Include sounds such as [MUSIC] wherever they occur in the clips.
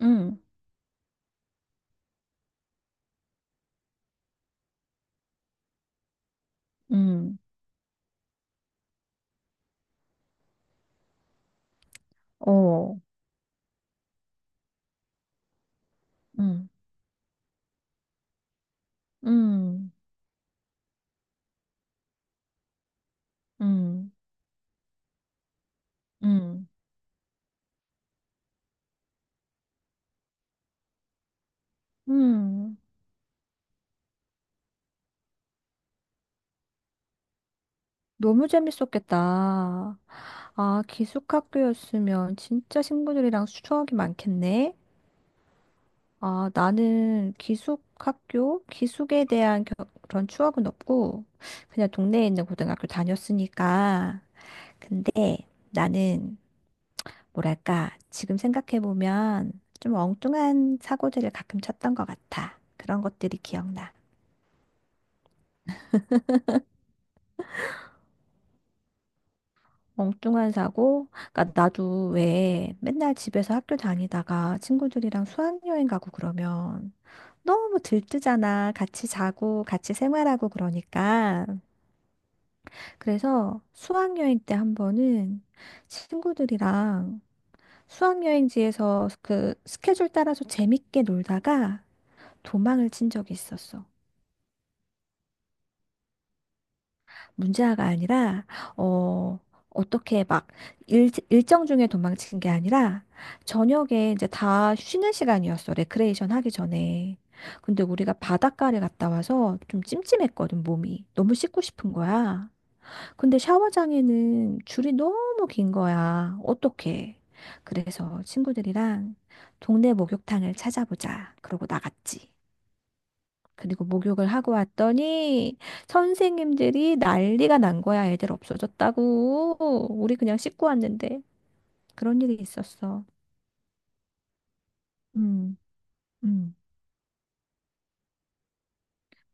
음, 음, 어, 음, 음, 음, 음, 음. 너무 재밌었겠다. 아, 기숙학교였으면 진짜 친구들이랑 추억이 많겠네. 아, 나는 기숙학교, 기숙에 대한 그런 추억은 없고, 그냥 동네에 있는 고등학교 다녔으니까. 근데 나는, 뭐랄까, 지금 생각해보면 좀 엉뚱한 사고들을 가끔 쳤던 것 같아. 그런 것들이 기억나. 엉뚱한 사고? 그러니까 나도 왜 맨날 집에서 학교 다니다가 친구들이랑 수학여행 가고 그러면 너무 들뜨잖아. 같이 자고 같이 생활하고 그러니까. 그래서 수학여행 때 한 번은 친구들이랑 수학여행지에서 그 스케줄 따라서 재밌게 놀다가 도망을 친 적이 있었어. 문제아가 아니라 어 어떻게 막 일정 중에 도망친 게 아니라 저녁에 이제 다 쉬는 시간이었어. 레크레이션 하기 전에. 근데 우리가 바닷가를 갔다 와서 좀 찜찜했거든, 몸이. 너무 씻고 싶은 거야. 근데 샤워장에는 줄이 너무 긴 거야. 어떡해. 그래서 친구들이랑 동네 목욕탕을 찾아보자. 그러고 나갔지. 그리고 목욕을 하고 왔더니 선생님들이 난리가 난 거야. 애들 없어졌다고. 우리 그냥 씻고 왔는데 그런 일이 있었어. 음, 음.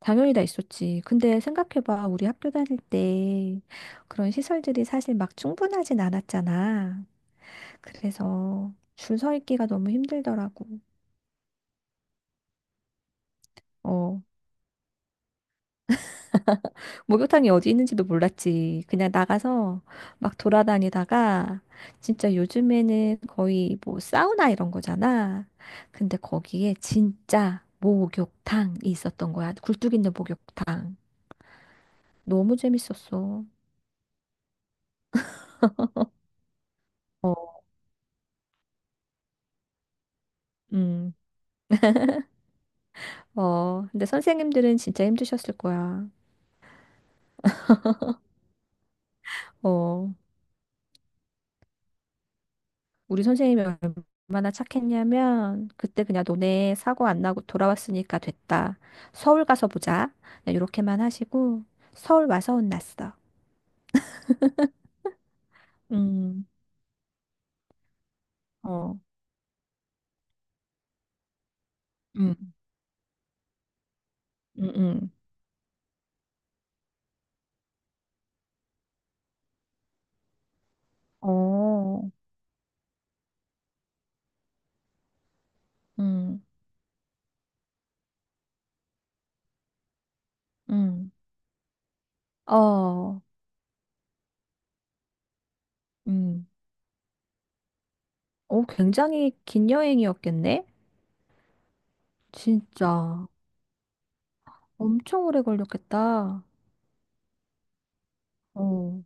당연히 다 있었지. 근데 생각해봐. 우리 학교 다닐 때 그런 시설들이 사실 막 충분하진 않았잖아. 그래서 줄 서 있기가 너무 힘들더라고. 어. 목욕탕이 어디 있는지도 몰랐지. 그냥 나가서 막 돌아다니다가 진짜 요즘에는 거의 뭐 사우나 이런 거잖아. 근데 거기에 진짜 목욕탕이 있었던 거야. 굴뚝 있는 목욕탕. 너무 재밌었어. 어, 음, 어, 근데 선생님들은 진짜 힘드셨을 거야. 어. 우리 선생님이 얼마나 착했냐면 그때 그냥 너네 사고 안 나고 돌아왔으니까 됐다. 서울 가서 보자. 그냥 이렇게만 하시고 서울 와서 혼났어. 음, 어, 음, 응, 응, 어, 응, 응. 어, 음, 어, 굉장히 긴 여행이었겠네? 진짜 엄청 오래 걸렸겠다. 어,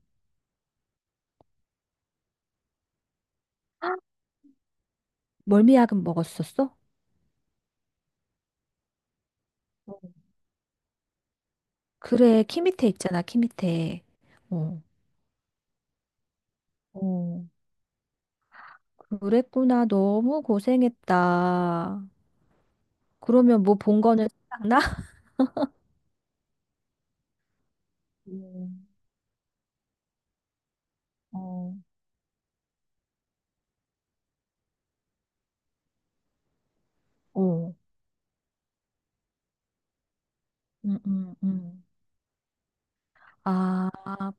멀미약은 먹었었어? 어, 그래, 키 밑에 있잖아, 키 밑에. 어, 어. 그랬구나. 너무 고생했다. 그러면 뭐 본 거는 생각나? [LAUGHS] 음, 어, 어, 음, 음, 음. 아,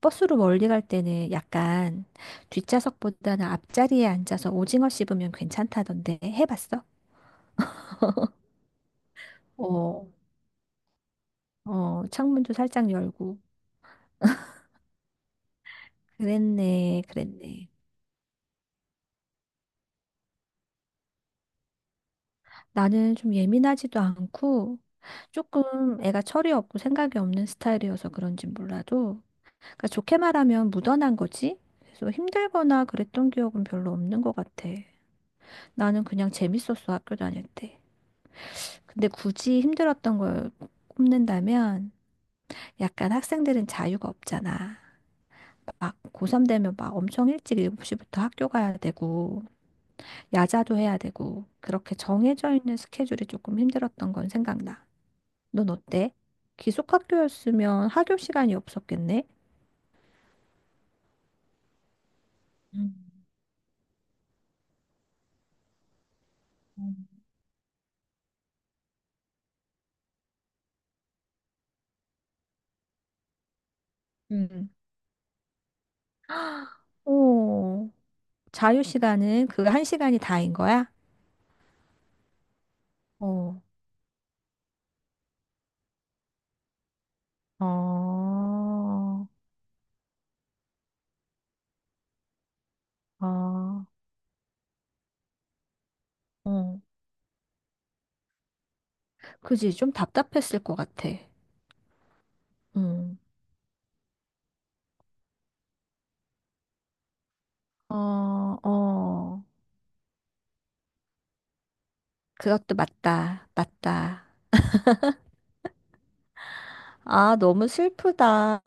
버스로 멀리 갈 때는 약간 뒷좌석보다는 앞자리에 앉아서 오징어 씹으면 괜찮다던데 해봤어? 어, 어, 창문도 살짝 열고. 그랬네, 그랬네. 나는 좀 예민하지도 않고 조금 애가 철이 없고 생각이 없는 스타일이어서 그런진 몰라도 그러니까 좋게 말하면 묻어난 거지. 그래서 힘들거나 그랬던 기억은 별로 없는 것 같아. 나는 그냥 재밌었어, 학교 다닐 때. 근데 굳이 힘들었던 걸 꼽는다면 약간 학생들은 자유가 없잖아. 막 고3 되면 막 엄청 일찍 7시부터 학교 가야 되고, 야자도 해야 되고, 그렇게 정해져 있는 스케줄이 조금 힘들었던 건 생각나. 넌 어때? 기숙학교였으면 하교 시간이 없었겠네? 음. 음. 음. 어, 자유 시간은 그 한 시간이 다인 거야? 어, 아, 아, 응, 그지? 좀 답답했을 것 같아. 음. 어, 어, 그것도 맞다. 맞다. 아, 너무 슬프다.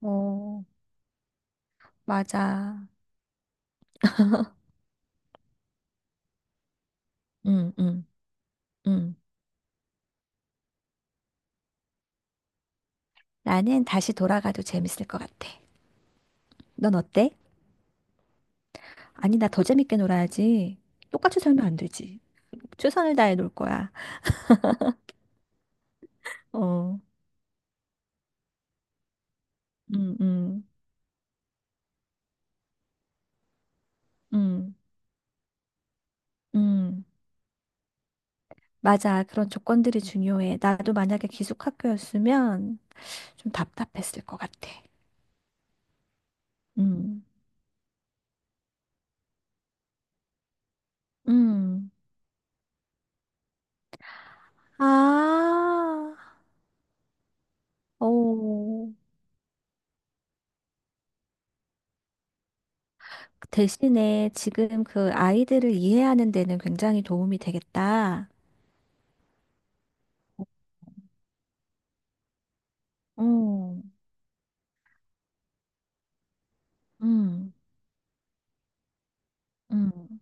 어, 맞아. 응, 응, 응. 나는 다시 돌아가도 재밌을 것 같아. 넌 어때? 아니, 나 더 재밌게 놀아야지. 똑같이 살면 안 되지. 최선을 다해 놀 거야. 어, 응, 응, 응. 음, 맞아. 그런 조건들이 중요해. 나도 만약에 기숙학교였으면 좀 답답했을 것 같아. 음, 음. 아, 오. 대신에 지금 그 아이들을 이해하는 데는 굉장히 도움이 되겠다. 어, 음, 음.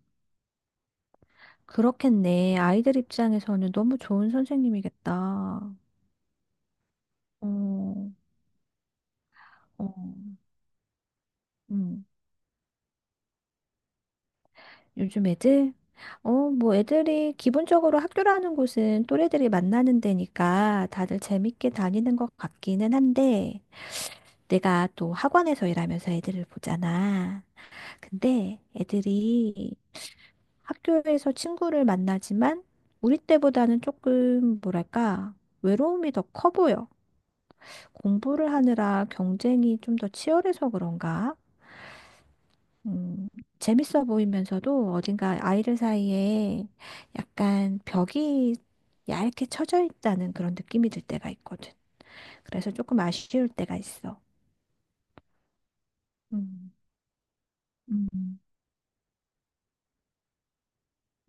그렇겠네. 아이들 입장에서는 너무 좋은 선생님이겠다. 어, 어, 음. 요즘 애들? 어, 뭐 애들이 기본적으로 학교라는 곳은 또래들이 만나는 데니까 다들 재밌게 다니는 것 같기는 한데 내가 또 학원에서 일하면서 애들을 보잖아. 근데 애들이 학교에서 친구를 만나지만 우리 때보다는 조금 뭐랄까 외로움이 더 커 보여. 공부를 하느라 경쟁이 좀 더 치열해서 그런가? 음, 재밌어 보이면서도 어딘가 아이들 사이에 약간 벽이 얇게 쳐져 있다는 그런 느낌이 들 때가 있거든. 그래서 조금 아쉬울 때가 있어. 음, 음,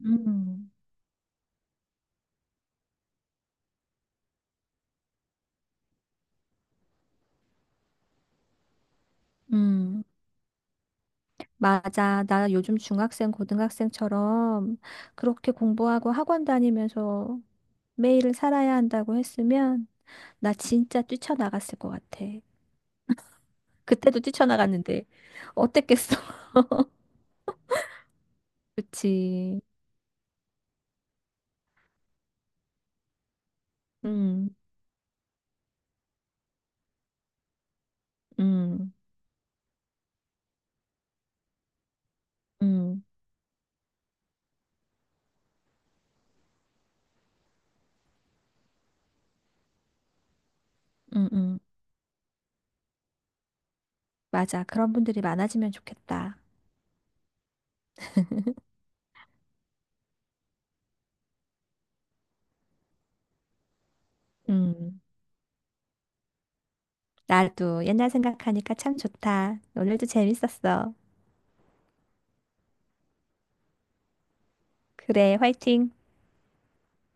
음, 음, 맞아. 나 요즘 중학생, 고등학생처럼 그렇게 공부하고 학원 다니면서 매일을 살아야 한다고 했으면 나 진짜 뛰쳐나갔을 것 같아. 그때도 뛰쳐나갔는데 어땠겠어? [LAUGHS] 그치. 음, 음. 음, 음, 음. 맞아. 그런 분들이 많아지면 좋겠다. [LAUGHS] 음, 나도 옛날 생각하니까 참 좋다. 오늘도 재밌었어. 그래, 화이팅!